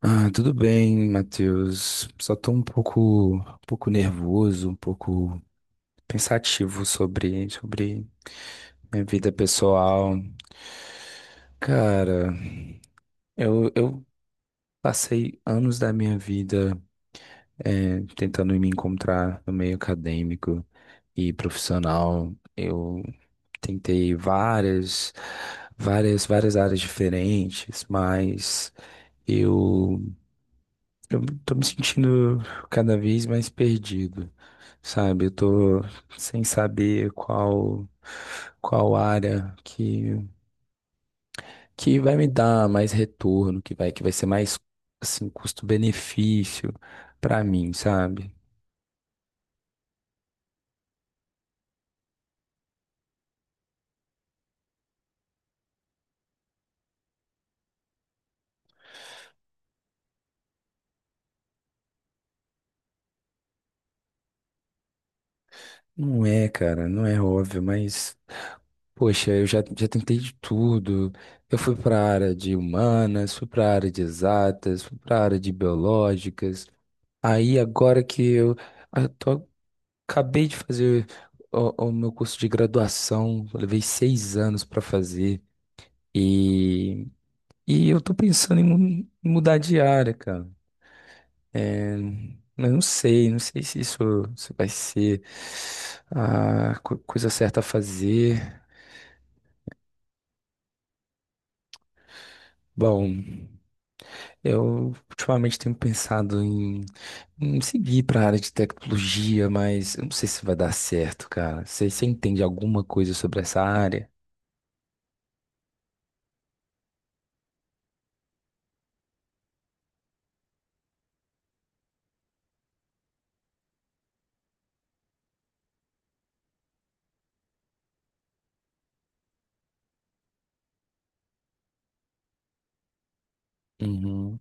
Ah, tudo bem, Matheus. Só tô um pouco nervoso, um pouco pensativo sobre minha vida pessoal. Cara, eu passei anos da minha vida tentando me encontrar no meio acadêmico e profissional. Eu tentei várias áreas diferentes, mas eu, eu tô me sentindo cada vez mais perdido. Sabe? Eu tô sem saber qual área que vai me dar mais retorno, que vai ser mais assim custo-benefício pra mim, sabe? Não é, cara, não é óbvio, mas poxa, já tentei de tudo. Eu fui pra área de humanas, fui pra área de exatas, fui pra área de biológicas. Aí agora que eu acabei de fazer o meu curso de graduação, eu levei 6 anos para fazer e, e eu tô pensando em mudar de área, cara. É, mas não sei se vai ser a coisa certa a fazer. Bom, eu ultimamente tenho pensado em seguir para a área de tecnologia, mas eu não sei se vai dar certo, cara. Você entende alguma coisa sobre essa área? Uhum.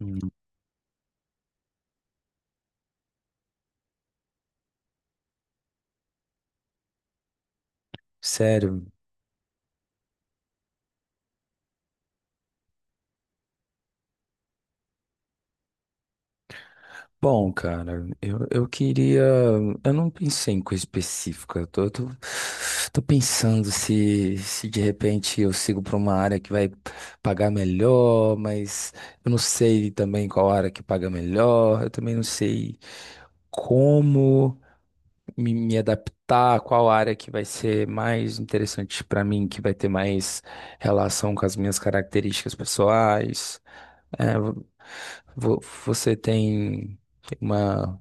Uhum. Sério? Bom, cara, eu queria. Eu não pensei em coisa específica. Tô pensando se de repente eu sigo para uma área que vai pagar melhor, mas eu não sei também qual área que paga melhor. Eu também não sei como me adaptar, qual área que vai ser mais interessante para mim, que vai ter mais relação com as minhas características pessoais. É, vo- você tem. Tem uma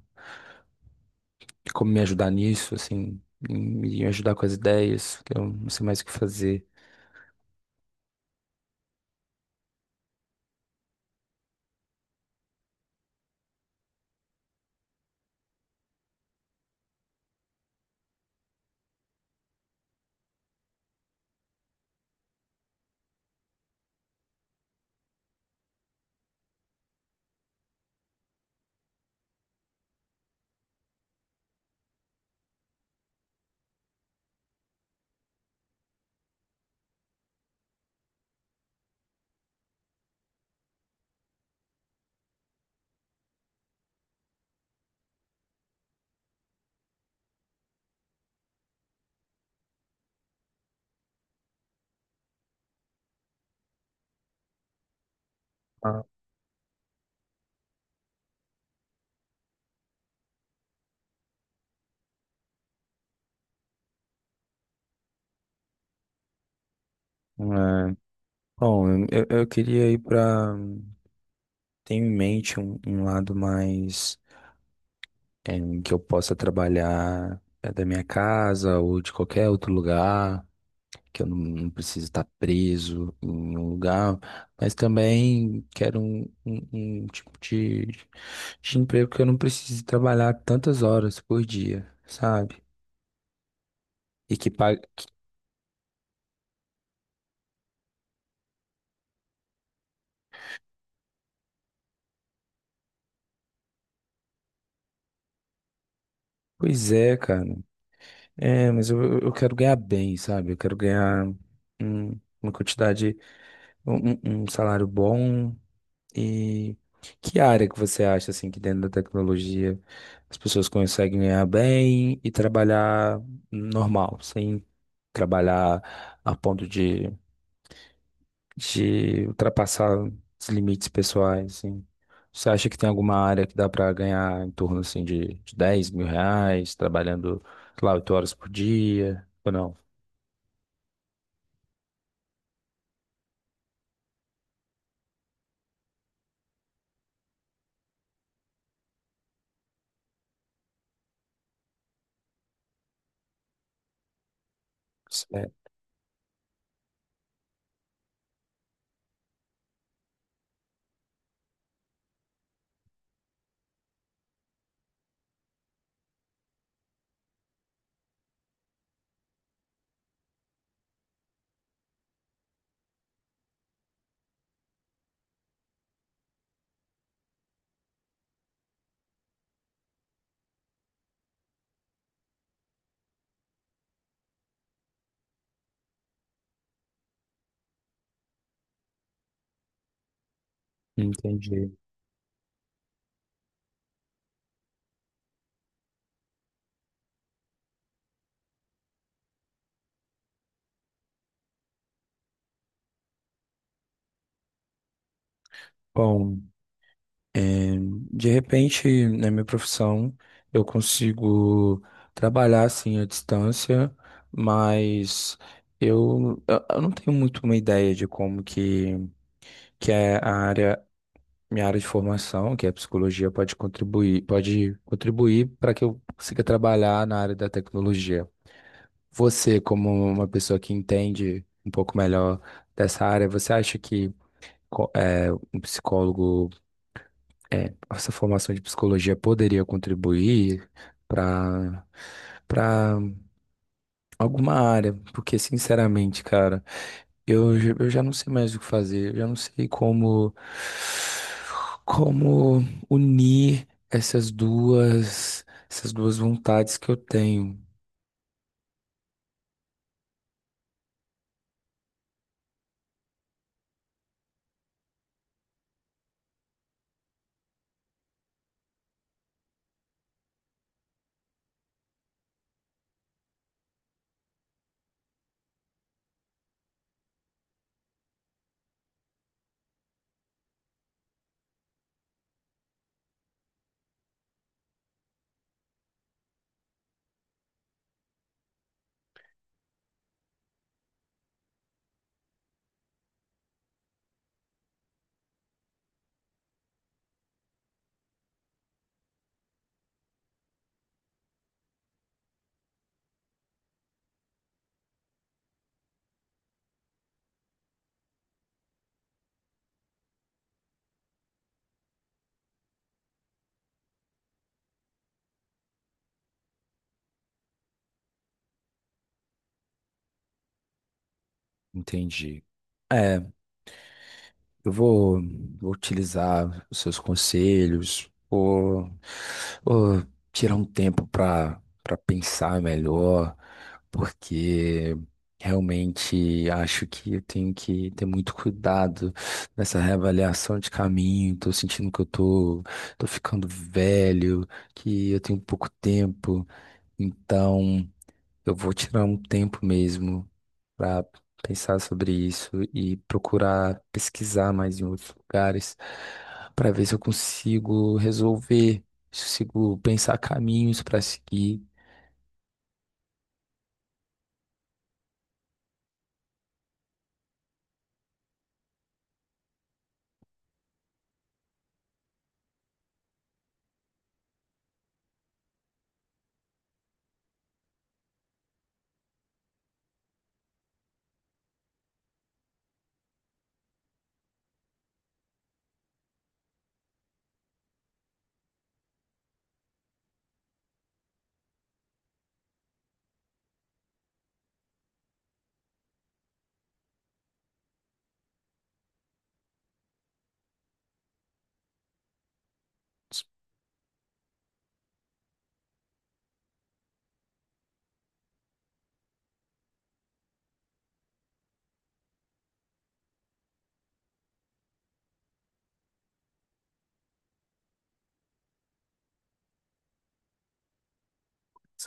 como me ajudar nisso, assim, em me ajudar com as ideias, que eu não sei mais o que fazer. Ah. É, bom, eu queria ir para. Tenho em mente um lado mais, em que eu possa trabalhar, da minha casa ou de qualquer outro lugar, que eu não preciso estar preso em um lugar, mas também quero um tipo de emprego que eu não precise trabalhar tantas horas por dia, sabe? E que pague. Pois é, cara. É, mas eu quero ganhar bem, sabe? Eu quero ganhar uma quantidade, um salário bom. E que área que você acha, assim, que dentro da tecnologia as pessoas conseguem ganhar bem e trabalhar normal, sem trabalhar a ponto de ultrapassar os limites pessoais, assim. Você acha que tem alguma área que dá para ganhar em torno, assim, de R$ 10.000, trabalhando, sei lá, 8 horas por dia, ou não? Certo. Entendi. Bom, de repente, na minha profissão, eu consigo trabalhar, assim, à distância, mas eu não tenho muito uma ideia de como que é a área minha área de formação, que é a psicologia, pode contribuir para que eu consiga trabalhar na área da tecnologia. Você, como uma pessoa que entende um pouco melhor dessa área, você acha que um psicólogo, essa formação de psicologia poderia contribuir para para alguma área? Porque, sinceramente, cara. Eu já não sei mais o que fazer, eu já não sei como como unir essas duas vontades que eu tenho. Entendi. Eu vou, vou utilizar os seus conselhos, vou tirar um tempo para pensar melhor, porque realmente acho que eu tenho que ter muito cuidado nessa reavaliação de caminho. Estou sentindo que tô ficando velho, que eu tenho pouco tempo, então. Eu vou tirar um tempo mesmo para pensar sobre isso e procurar pesquisar mais em outros lugares para ver se eu consigo resolver, se eu consigo pensar caminhos para seguir.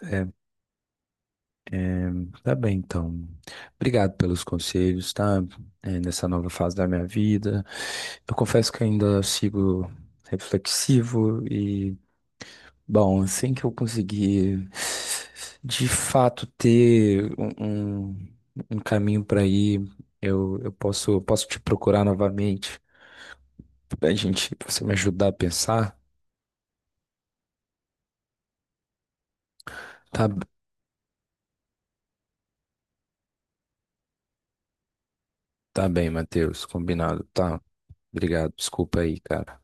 É, tá bem, então. Obrigado pelos conselhos, tá? É, nessa nova fase da minha vida. Eu confesso que ainda sigo reflexivo. E, bom, assim que eu conseguir de fato ter um caminho para ir, eu posso te procurar novamente pra você me ajudar a pensar. Tá, tá bem, Matheus, combinado, tá? Obrigado, desculpa aí, cara.